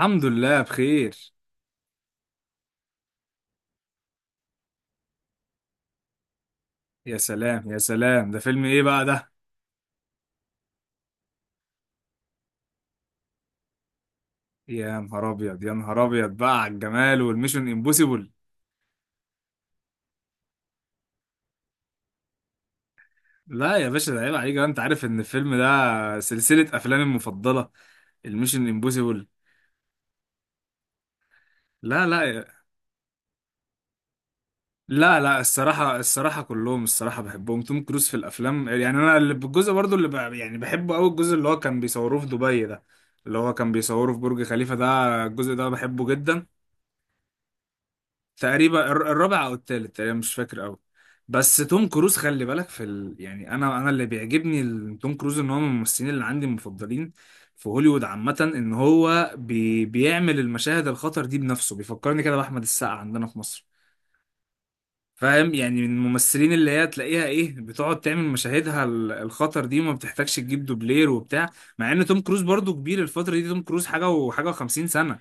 الحمد لله بخير. يا سلام يا سلام، ده فيلم ايه بقى ده؟ يا نهار ابيض يا نهار ابيض بقى على الجمال والميشن امبوسيبل. لا يا باشا ده عيب عليك بقى، انت عارف ان الفيلم ده سلسلة افلامي المفضلة، الميشن امبوسيبل. لا لا لا لا، الصراحة الصراحة كلهم الصراحة بحبهم. توم كروز في الافلام، يعني انا اللي بالجزء برضو يعني بحبه قوي، الجزء اللي هو كان بيصوروه في دبي ده، اللي هو كان بيصوره في برج خليفة ده، الجزء ده بحبه جدا. تقريبا الرابع او التالت تقريبا، مش فاكر قوي. بس توم كروز خلي بالك يعني انا اللي بيعجبني توم كروز ان هو من الممثلين اللي عندي المفضلين في هوليوود عامة، ان هو بيعمل المشاهد الخطر دي بنفسه، بيفكرني كده بأحمد السقا عندنا في مصر. فاهم؟ يعني من الممثلين اللي هي تلاقيها ايه، بتقعد تعمل مشاهدها الخطر دي وما بتحتاجش تجيب دوبلير وبتاع، مع ان توم كروز برضو كبير الفترة دي، توم كروز حاجة وحاجة و50 سنة.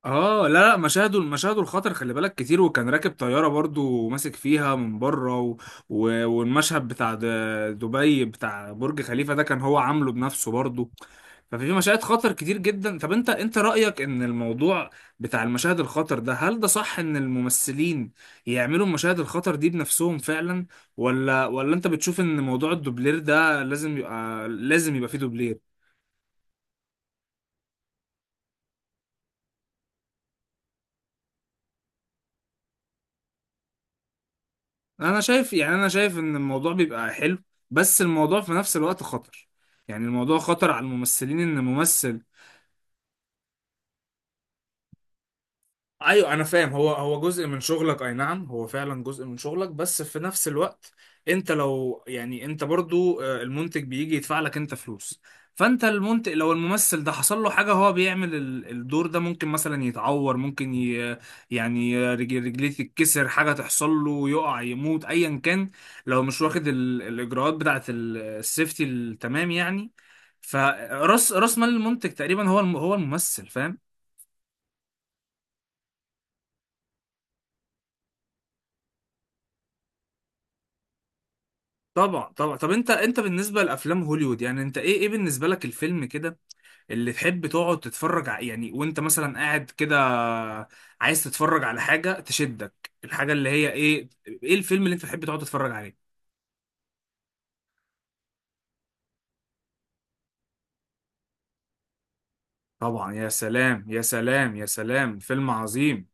اه لا لا، مشاهده الخطر خلي بالك كتير، وكان راكب طياره برضو وماسك فيها من بره والمشهد بتاع دبي بتاع برج خليفه ده كان هو عامله بنفسه برضو. ففي مشاهد خطر كتير جدا. طب انت رأيك ان الموضوع بتاع المشاهد الخطر ده، هل ده صح ان الممثلين يعملوا المشاهد الخطر دي بنفسهم فعلا، ولا انت بتشوف ان موضوع الدوبلير ده لازم يبقى، لازم يبقى فيه دوبلير؟ انا شايف، يعني انا شايف ان الموضوع بيبقى حلو بس الموضوع في نفس الوقت خطر، يعني الموضوع خطر على الممثلين، ان ممثل، ايوه انا فاهم، هو جزء من شغلك، اي نعم هو فعلا جزء من شغلك، بس في نفس الوقت انت لو يعني انت برضو، المنتج بيجي يدفع لك انت فلوس، فانت المنتج لو الممثل ده حصل له حاجه، هو بيعمل الدور ده، ممكن مثلا يتعور، ممكن ي يعني رجليه تتكسر، حاجه تحصل له، يقع، يموت، ايا كان، لو مش واخد الاجراءات بتاعه السيفتي التمام يعني. فراس، راس مال المنتج تقريبا هو هو الممثل، فاهم؟ طبعا طبعا. طب انت بالنسبه لافلام هوليوود، يعني انت ايه بالنسبه لك الفيلم كده اللي تحب تقعد يعني وانت مثلا قاعد كده عايز تتفرج على حاجه تشدك، الحاجه اللي هي ايه؟ ايه الفيلم اللي انت تحب تقعد تتفرج عليه؟ طبعا، يا سلام يا سلام يا سلام، فيلم عظيم.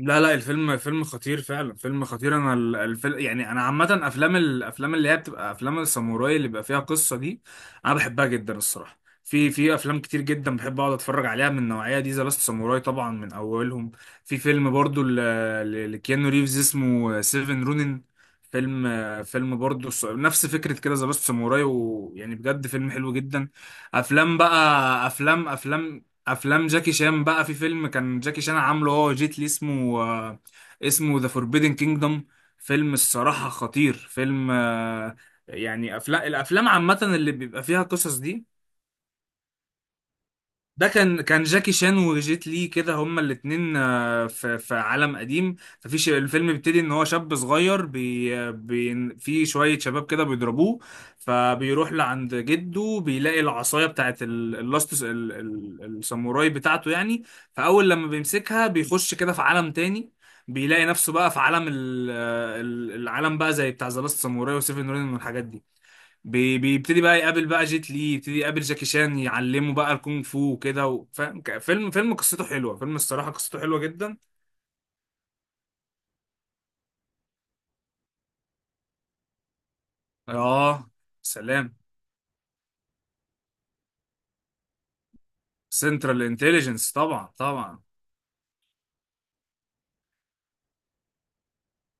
لا لا، الفيلم فيلم خطير فعلا، فيلم خطير. انا الفيلم، يعني انا عامه افلام، الافلام اللي هي بتبقى افلام الساموراي اللي بيبقى فيها قصه دي، انا بحبها جدا الصراحه. في في افلام كتير جدا بحب اقعد اتفرج عليها من النوعيه دي. ذا لاست ساموراي طبعا من اولهم. في فيلم برضو لكيانو ريفز، اسمه سيفن رونين، فيلم، فيلم برضو نفس فكره كده ذا لاست ساموراي، ويعني بجد فيلم حلو جدا. افلام بقى، افلام افلام جاكي شان بقى، في فيلم كان جاكي شان عامله هو جيت لي، اسمه اسمه ذا فوربيدن كينجدم. فيلم الصراحة خطير، فيلم آه، يعني افلام، الافلام عامة اللي بيبقى فيها قصص دي. ده كان جاكي شان وجيت لي كده، هما الاتنين في في عالم قديم، الفيلم بيبتدي ان هو شاب صغير بي آه، بي في شوية شباب كده بيضربوه، فبيروح لعند جده، بيلاقي العصاية بتاعت اللاست الساموراي بتاعته يعني، فأول لما بيمسكها بيخش كده في عالم تاني، بيلاقي نفسه بقى في عالم العالم بقى زي بتاع ذا لاست ساموراي وسيفن رينج والحاجات دي، بيبتدي بقى يقابل بقى جيت لي، يبتدي يقابل جاكي شان يعلمه بقى الكونغ فو وكده، فاهم؟ فيلم، فيلم قصته حلوه، فيلم الصراحه قصته حلوه جدا. اه سلام. سنترال انتليجنس طبعا طبعا.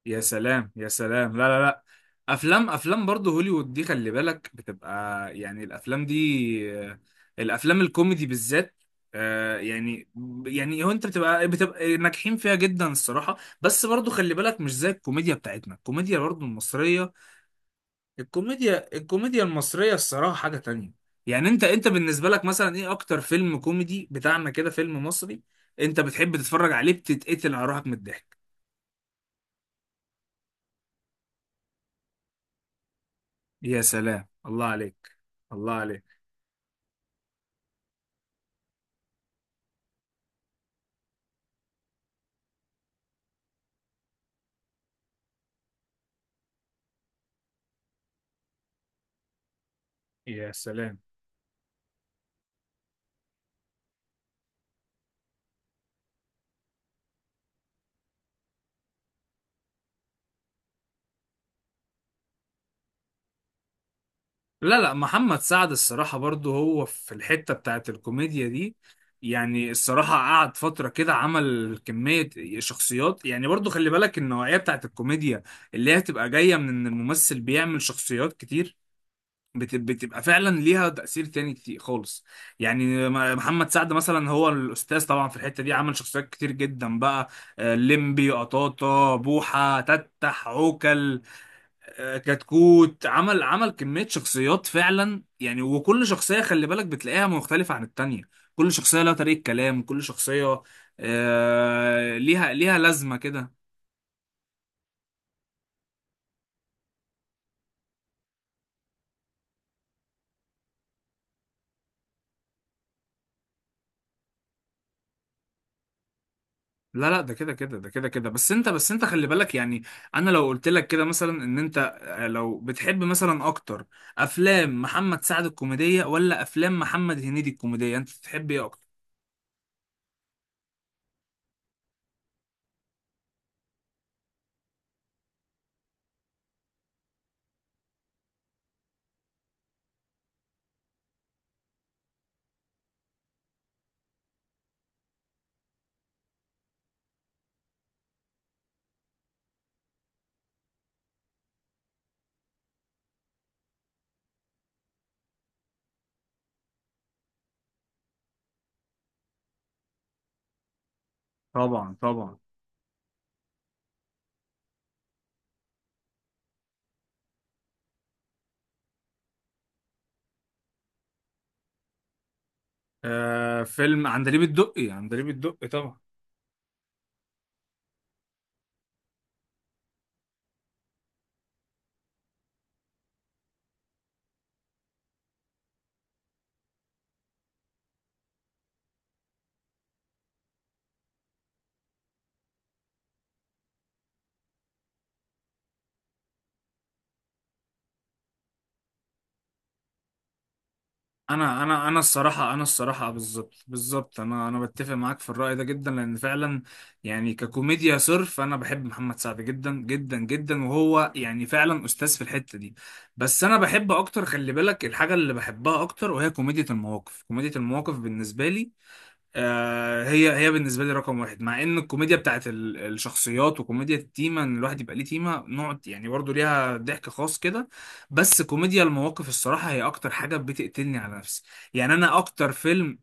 يا سلام يا سلام، لا لا لا. افلام، افلام برضه هوليوود دي خلي بالك بتبقى، يعني الافلام دي الافلام الكوميدي بالذات، يعني، يعني هو انت بتبقى ناجحين فيها جدا الصراحه، بس برضه خلي بالك مش زي الكوميديا بتاعتنا، الكوميديا برضه المصريه، الكوميديا، الكوميديا المصرية الصراحة حاجة تانية. يعني انت بالنسبة لك مثلا ايه اكتر فيلم كوميدي بتاعنا كده، فيلم مصري انت بتحب تتفرج عليه بتتقتل على روحك من الضحك؟ يا سلام، الله عليك، الله عليك، يا سلام. لا لا، محمد سعد الصراحة برضو هو في الحتة بتاعت الكوميديا دي، يعني الصراحة قعد فترة كده عمل كمية شخصيات، يعني برضو خلي بالك النوعية بتاعت الكوميديا اللي هي هتبقى جاية من ان الممثل بيعمل شخصيات كتير، بتبقى فعلا ليها تأثير تاني كتير خالص، يعني محمد سعد مثلا هو الأستاذ طبعا في الحتة دي، عمل شخصيات كتير جدا بقى، ليمبي، قطاطة، بوحة، تتح، عوكل، كتكوت، عمل كمية شخصيات فعلا يعني، وكل شخصية خلي بالك بتلاقيها مختلفة عن التانية، كل شخصية لها طريقة كلام، كل شخصية ليها لازمة كده. لا لا ده كده كده ده كده كده، بس انت خلي بالك يعني، انا لو قلت لك كده مثلا ان انت، لو بتحب مثلا اكتر افلام محمد سعد الكوميديه ولا افلام محمد هنيدي الكوميديه، انت تحب ايه اكتر؟ طبعا طبعا. آه، فيلم عندليب الدقي، عندليب الدقي طبعا. انا الصراحه، انا الصراحه بالظبط بالظبط، انا بتفق معاك في الراي ده جدا، لان فعلا يعني ككوميديا صرف انا بحب محمد سعد جدا جدا جدا، وهو يعني فعلا استاذ في الحته دي. بس انا بحب اكتر خلي بالك، الحاجه اللي بحبها اكتر وهي كوميديا المواقف، كوميديا المواقف بالنسبه لي، هي بالنسبه لي رقم واحد، مع ان الكوميديا بتاعت الشخصيات وكوميديا التيمه، ان الواحد يبقى ليه تيمه نوع، يعني برضو ليها ضحك خاص كده، بس كوميديا المواقف الصراحه هي اكتر حاجه بتقتلني على نفسي. يعني انا اكتر فيلم،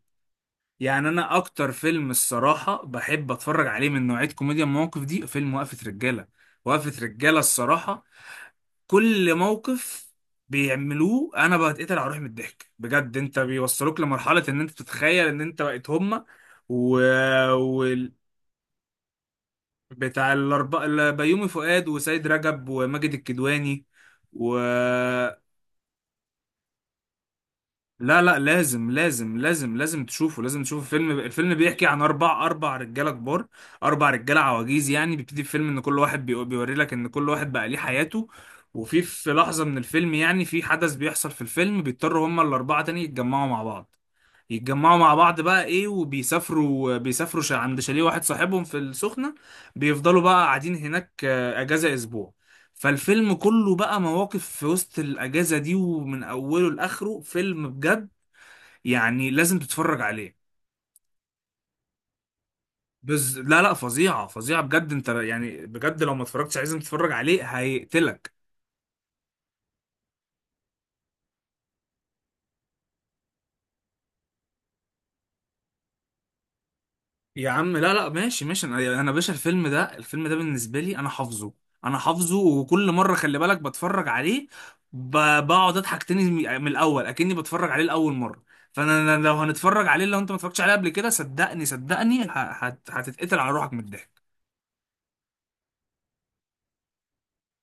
يعني انا اكتر فيلم الصراحه بحب اتفرج عليه من نوعيه كوميديا المواقف دي، فيلم وقفه رجاله. وقفه رجاله الصراحه، كل موقف بيعملوه انا بتقتل على روحي من الضحك بجد، انت بيوصلوك لمرحله ان انت تتخيل ان انت بقيت هما. و... و... بتاع الاربعه، بيومي فؤاد، وسيد رجب، وماجد الكدواني. و لا لا، لازم تشوفه، لازم تشوفه. فيلم، الفيلم بيحكي عن اربع، رجاله كبار، اربع رجاله عواجيز يعني، بيبتدي الفيلم ان كل واحد بيوري لك ان كل واحد بقى ليه حياته، وفي في لحظه من الفيلم يعني، في حدث بيحصل في الفيلم بيضطروا هما الاربعه تاني يتجمعوا مع بعض، يتجمعوا مع بعض بقى ايه، وبيسافروا، عند شاليه واحد صاحبهم في السخنه، بيفضلوا بقى قاعدين هناك اجازه اسبوع. فالفيلم كله بقى مواقف في وسط الاجازه دي ومن اوله لاخره، فيلم بجد يعني لازم تتفرج عليه. بس لا لا، فظيعة فظيعة بجد، انت يعني بجد لو ما اتفرجتش، عايزين تتفرج عليه هيقتلك. يا عم لا لا، ماشي ماشي. انا باشا الفيلم ده، الفيلم ده بالنسبة لي انا حافظه، انا حافظه، وكل مرة خلي بالك بتفرج عليه بقعد اضحك تاني من من الاول اكني بتفرج عليه لاول مرة. فانا، أنا لو هنتفرج عليه، لو انت ما اتفرجتش عليه قبل كده، صدقني صدقني هتتقتل على روحك من الضحك.